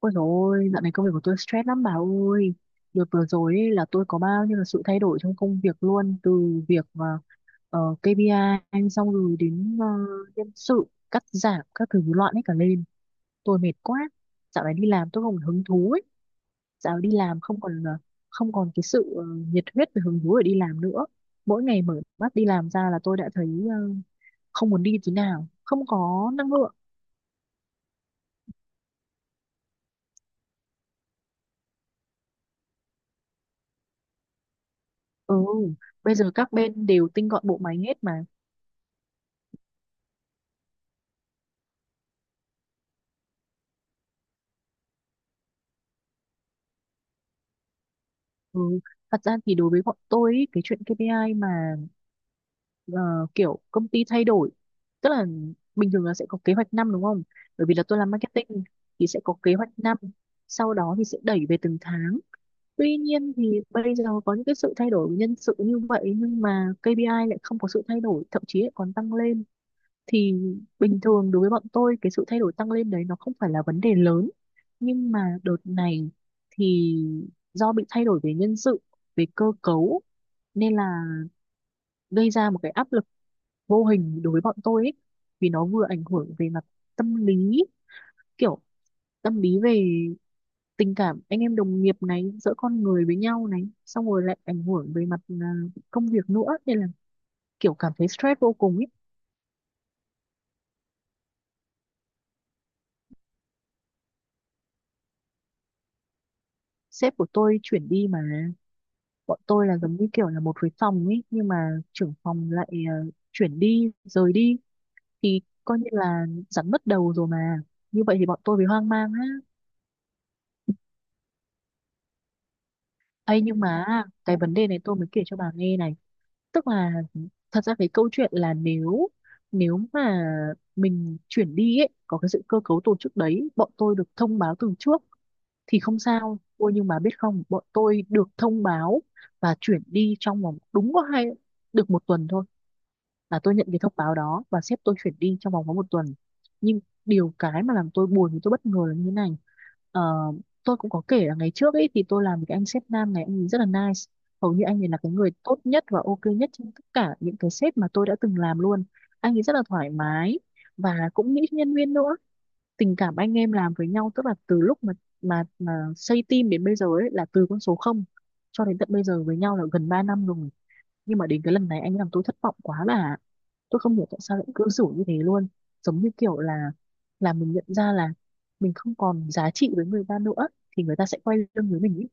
Ôi dồi ôi, dạo này công việc của tôi stress lắm bà ơi. Đợt vừa rồi ấy, là tôi có bao nhiêu là sự thay đổi trong công việc luôn. Từ việc KPI xong rồi đến nhân sự, cắt giảm, các thứ loạn hết cả lên. Tôi mệt quá. Dạo này đi làm tôi không còn hứng thú ấy. Dạo này đi làm không còn cái sự nhiệt huyết và hứng thú để đi làm nữa. Mỗi ngày mở mắt đi làm ra là tôi đã thấy không muốn đi tí nào. Không có năng lượng. Ừ, bây giờ các bên đều tinh gọn bộ máy hết mà. Ừ. Thật ra thì đối với bọn tôi ý, cái chuyện KPI mà ờ, kiểu công ty thay đổi, tức là bình thường là sẽ có kế hoạch năm đúng không? Bởi vì là tôi làm marketing thì sẽ có kế hoạch năm, sau đó thì sẽ đẩy về từng tháng. Tuy nhiên thì bây giờ có những cái sự thay đổi nhân sự như vậy nhưng mà KPI lại không có sự thay đổi, thậm chí lại còn tăng lên. Thì bình thường đối với bọn tôi cái sự thay đổi tăng lên đấy nó không phải là vấn đề lớn, nhưng mà đợt này thì do bị thay đổi về nhân sự, về cơ cấu, nên là gây ra một cái áp lực vô hình đối với bọn tôi ấy, vì nó vừa ảnh hưởng về mặt tâm lý, kiểu tâm lý về tình cảm anh em đồng nghiệp này, giữa con người với nhau này, xong rồi lại ảnh hưởng về mặt công việc nữa, nên là kiểu cảm thấy stress vô cùng ấy. Sếp của tôi chuyển đi mà. Bọn tôi là giống như kiểu là một cái phòng ấy nhưng mà trưởng phòng lại chuyển đi, rời đi, thì coi như là rắn mất đầu rồi mà. Như vậy thì bọn tôi bị hoang mang á. Ấy nhưng mà cái vấn đề này tôi mới kể cho bà nghe này, tức là thật ra cái câu chuyện là nếu nếu mà mình chuyển đi ấy, có cái sự cơ cấu tổ chức đấy bọn tôi được thông báo từ trước thì không sao ôi, nhưng mà biết không, bọn tôi được thông báo và chuyển đi trong vòng đúng có được một tuần thôi, là tôi nhận cái thông báo đó và sếp tôi chuyển đi trong vòng có một tuần. Nhưng điều cái mà làm tôi buồn thì tôi bất ngờ là như thế này. Ờ, tôi cũng có kể là ngày trước ấy thì tôi làm với cái anh sếp nam này, anh ấy rất là nice, hầu như anh ấy là cái người tốt nhất và ok nhất trong tất cả những cái sếp mà tôi đã từng làm luôn. Anh ấy rất là thoải mái và cũng nghĩ cho nhân viên nữa. Tình cảm anh em làm với nhau, tức là từ lúc mà xây team đến bây giờ ấy, là từ con số không cho đến tận bây giờ, với nhau là gần 3 năm rồi. Nhưng mà đến cái lần này anh làm tôi thất vọng quá, là tôi không hiểu tại sao lại cư xử như thế luôn. Giống như kiểu là mình nhận ra là mình không còn giá trị với người ta nữa thì người ta sẽ quay lưng với mình ý.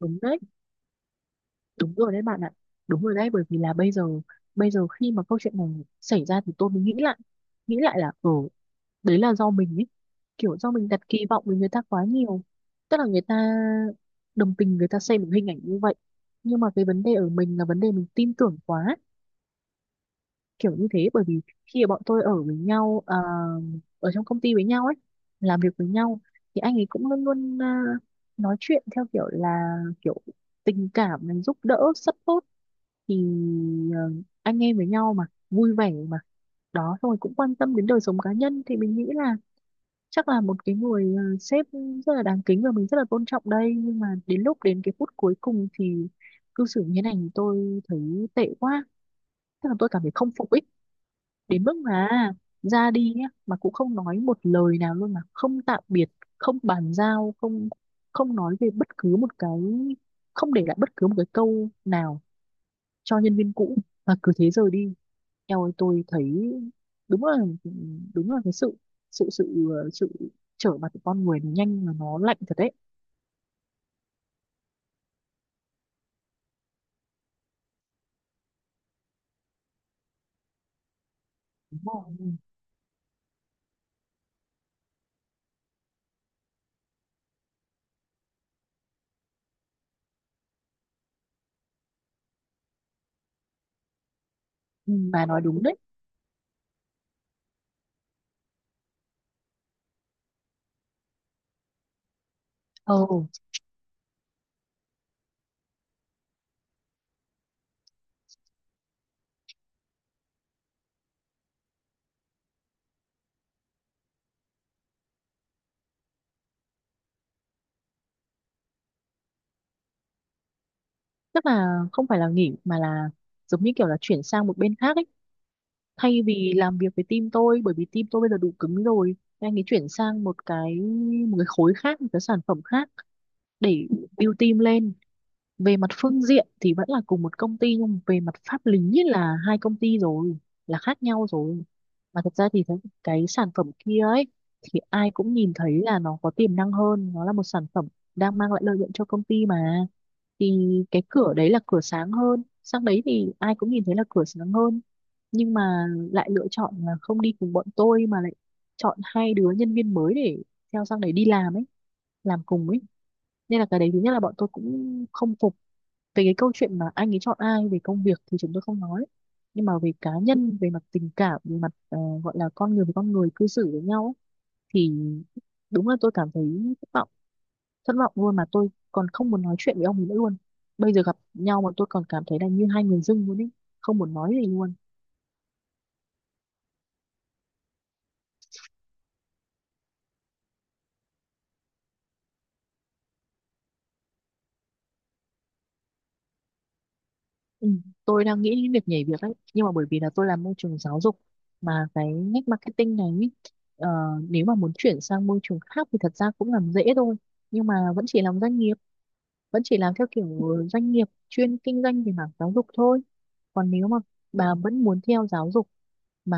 Đúng đấy. Đúng rồi đấy bạn ạ. Đúng rồi đấy, bởi vì là bây giờ khi mà câu chuyện này xảy ra thì tôi mới nghĩ lại là đấy là do mình ý, kiểu do mình đặt kỳ vọng với người ta quá nhiều. Tức là người ta đồng tình, người ta xem một hình ảnh như vậy, nhưng mà cái vấn đề ở mình là vấn đề mình tin tưởng quá, kiểu như thế. Bởi vì khi mà bọn tôi ở với nhau ở trong công ty với nhau ấy, làm việc với nhau, thì anh ấy cũng luôn luôn nói chuyện theo kiểu là, kiểu tình cảm, mình giúp đỡ support thì ờ, anh em với nhau mà, vui vẻ mà, đó xong rồi cũng quan tâm đến đời sống cá nhân, thì mình nghĩ là chắc là một cái người sếp rất là đáng kính và mình rất là tôn trọng đây. Nhưng mà đến lúc, đến cái phút cuối cùng thì cư xử như thế này thì tôi thấy tệ quá, tức là tôi cảm thấy không phục ý. Đến mức mà ra đi nhá mà cũng không nói một lời nào luôn, mà không tạm biệt, không bàn giao, không không nói về bất cứ một cái, không để lại bất cứ một cái câu nào cho nhân viên cũ, mà cứ thế rời đi. Eo ơi tôi thấy đúng là, đúng là cái sự sự sự ờ, sự trở mặt của con người nó nhanh mà nó lạnh thật đấy. Đúng rồi. Ừ, bà nói đúng đấy. Ờ tức là không phải là nghỉ mà là giống như kiểu là chuyển sang một bên khác ấy, thay vì làm việc với team tôi, bởi vì team tôi bây giờ đủ cứng rồi, anh ấy chuyển sang một cái khối khác, một cái sản phẩm khác để build team lên. Về mặt phương diện thì vẫn là cùng một công ty nhưng về mặt pháp lý là hai công ty rồi, là khác nhau rồi. Mà thật ra thì cái sản phẩm kia ấy, thì ai cũng nhìn thấy là nó có tiềm năng hơn, nó là một sản phẩm đang mang lại lợi nhuận cho công ty mà, thì cái cửa đấy là cửa sáng hơn, sang đấy thì ai cũng nhìn thấy là cửa sáng hơn, nhưng mà lại lựa chọn là không đi cùng bọn tôi mà lại chọn hai đứa nhân viên mới để theo sang đấy đi làm ấy, làm cùng ấy. Nên là cái đấy thứ nhất là bọn tôi cũng không phục, về cái câu chuyện mà anh ấy chọn ai về công việc thì chúng tôi không nói, nhưng mà về cá nhân, về mặt tình cảm, về mặt gọi là con người với con người cư xử với nhau ấy, thì đúng là tôi cảm thấy thất vọng. Thất vọng luôn mà tôi còn không muốn nói chuyện với ông ấy nữa luôn. Bây giờ gặp nhau mà tôi còn cảm thấy là như hai người dưng luôn ý, không muốn nói gì luôn. Ừ, tôi đang nghĩ đến việc nhảy việc đấy, nhưng mà bởi vì là tôi làm môi trường giáo dục mà cái ngách marketing này ý, ờ, nếu mà muốn chuyển sang môi trường khác thì thật ra cũng làm dễ thôi, nhưng mà vẫn chỉ làm doanh nghiệp, vẫn chỉ làm theo kiểu doanh nghiệp chuyên kinh doanh về mảng giáo dục thôi. Còn nếu mà bà vẫn muốn theo giáo dục mà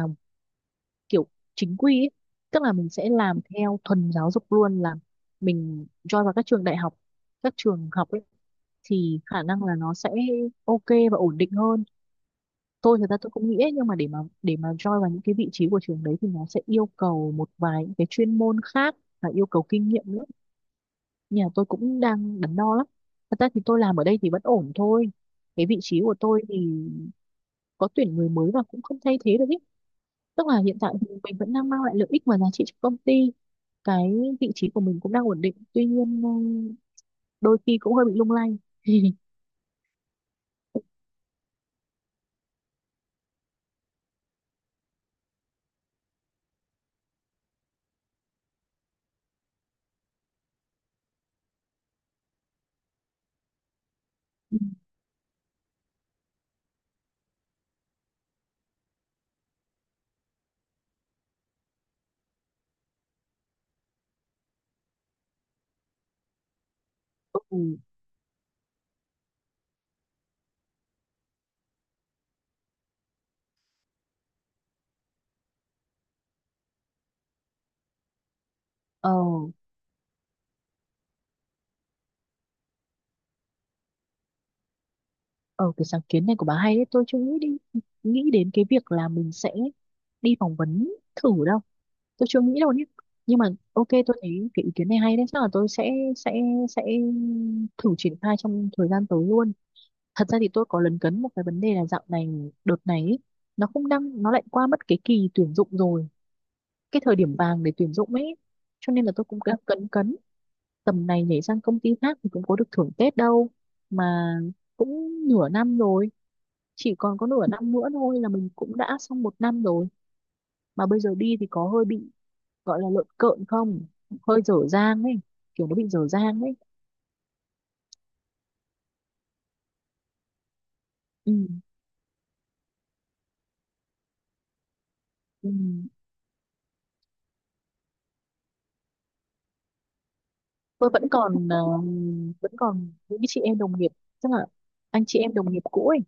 kiểu chính quy ý, tức là mình sẽ làm theo thuần giáo dục luôn, là mình join vào các trường đại học, các trường học ấy, thì khả năng là nó sẽ ok và ổn định hơn. Tôi thực ra tôi cũng nghĩ ấy, nhưng mà để mà join vào những cái vị trí của trường đấy thì nó sẽ yêu cầu một vài những cái chuyên môn khác và yêu cầu kinh nghiệm nữa. Nhà tôi cũng đang đắn đo lắm. Thật ra thì tôi làm ở đây thì vẫn ổn thôi, cái vị trí của tôi thì có tuyển người mới và cũng không thay thế được ý. Tức là hiện tại thì mình vẫn đang mang lại lợi ích và giá trị cho công ty, cái vị trí của mình cũng đang ổn định, tuy nhiên đôi khi cũng hơi bị lung lay. Ừ. Ờ. Ờ, cái sáng kiến này của bà hay đấy, tôi chưa nghĩ đến cái việc là mình sẽ đi phỏng vấn thử đâu. Tôi chưa nghĩ đâu nhé. Nhưng mà ok, tôi thấy cái ý kiến này hay đấy, chắc là tôi sẽ thử triển khai trong thời gian tới luôn. Thật ra thì tôi có lấn cấn một cái vấn đề là dạo này đợt này ấy, nó không đang nó lại qua mất cái kỳ tuyển dụng rồi, cái thời điểm vàng để tuyển dụng ấy. Cho nên là tôi cũng đang cấn cấn, tầm này nhảy sang công ty khác thì cũng có được thưởng Tết đâu, mà cũng nửa năm rồi, chỉ còn có nửa năm nữa thôi là mình cũng đã xong một năm rồi. Mà bây giờ đi thì có hơi bị gọi là lợn cợn không, hơi dở dang ấy, kiểu nó bị dở dang ấy. Ừ. Ừ. Tôi vẫn còn vẫn còn những cái chị em đồng nghiệp, tức là anh chị em đồng nghiệp cũ ấy,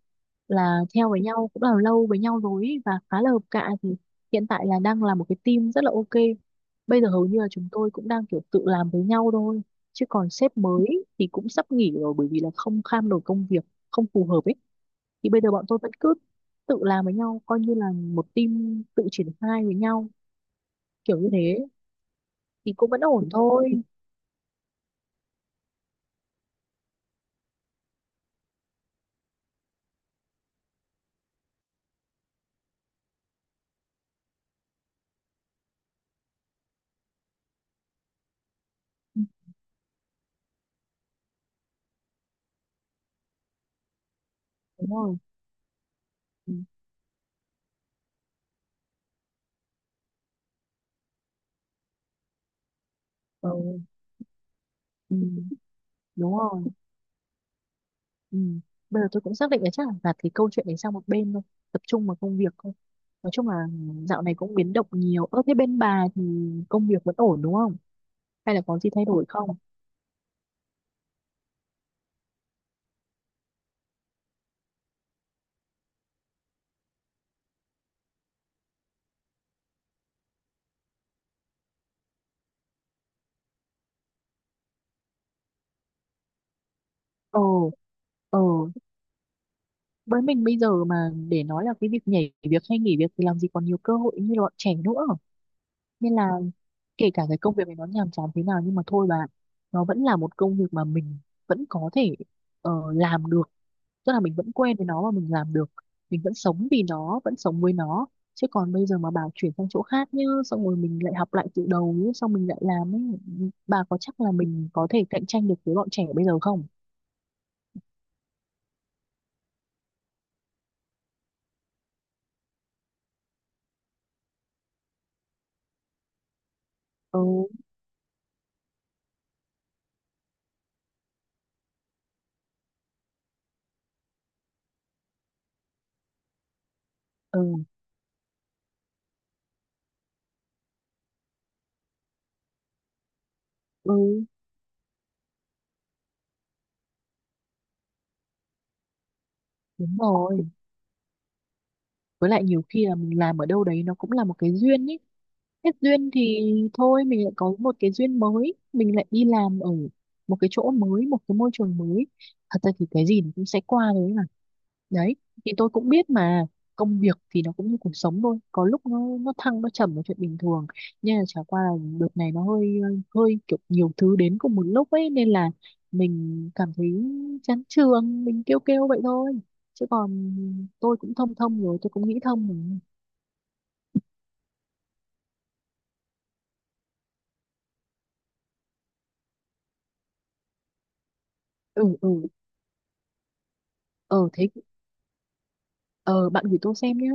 là theo với nhau cũng là lâu với nhau rồi ấy, và khá là hợp cạ. Thì hiện tại là đang là một cái team rất là ok, bây giờ hầu như là chúng tôi cũng đang kiểu tự làm với nhau thôi, chứ còn sếp mới thì cũng sắp nghỉ rồi bởi vì là không kham nổi công việc, không phù hợp ấy. Thì bây giờ bọn tôi vẫn cứ tự làm với nhau, coi như là một team tự triển khai với nhau, kiểu như thế thì cũng vẫn ổn thôi. Ừ, đúng rồi. Ừ. Ờ. Ừ. Đúng rồi. Ừ. Bây giờ tôi cũng xác định là chắc là gạt cái câu chuyện đấy sang một bên thôi, tập trung vào công việc thôi. Nói chung là dạo này cũng biến động nhiều, ơ thế bên bà thì công việc vẫn ổn đúng không, hay là có gì thay đổi không? Ờ. Ờ. Với mình bây giờ mà để nói là cái việc nhảy việc hay nghỉ việc thì làm gì còn nhiều cơ hội như bọn trẻ nữa. Nên là kể cả cái công việc này nó nhàm chán thế nào nhưng mà thôi bà, nó vẫn là một công việc mà mình vẫn có thể làm được, tức là mình vẫn quen với nó và mình làm được, mình vẫn sống vì nó, vẫn sống với nó. Chứ còn bây giờ mà bảo chuyển sang chỗ khác nhá, xong rồi mình lại học lại từ đầu nhá, xong mình lại làm ấy, bà có chắc là mình có thể cạnh tranh được với bọn trẻ bây giờ không? Ừ. Ừ. Ừ. Đúng rồi. Với lại nhiều khi là mình làm ở đâu đấy nó cũng là một cái duyên ấy, hết duyên thì thôi mình lại có một cái duyên mới, mình lại đi làm ở một cái chỗ mới, một cái môi trường mới. Thật ra thì cái gì nó cũng sẽ qua thôi. Đấy, thì tôi cũng biết mà, công việc thì nó cũng như cuộc sống thôi, có lúc nó thăng nó trầm là chuyện bình thường. Nhưng mà chả qua là đợt này nó hơi hơi kiểu nhiều thứ đến cùng một lúc ấy, nên là mình cảm thấy chán trường, mình kêu kêu vậy thôi. Chứ còn tôi cũng thông thông rồi, tôi cũng nghĩ thông rồi. Ừ ừ, ờ thế ờ bạn gửi tôi xem nhé.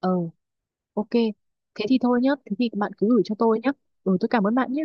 Ờ ok. Thế thì thôi nhá, thế thì bạn cứ gửi cho tôi nhá. Ừ tôi cảm ơn bạn nhé.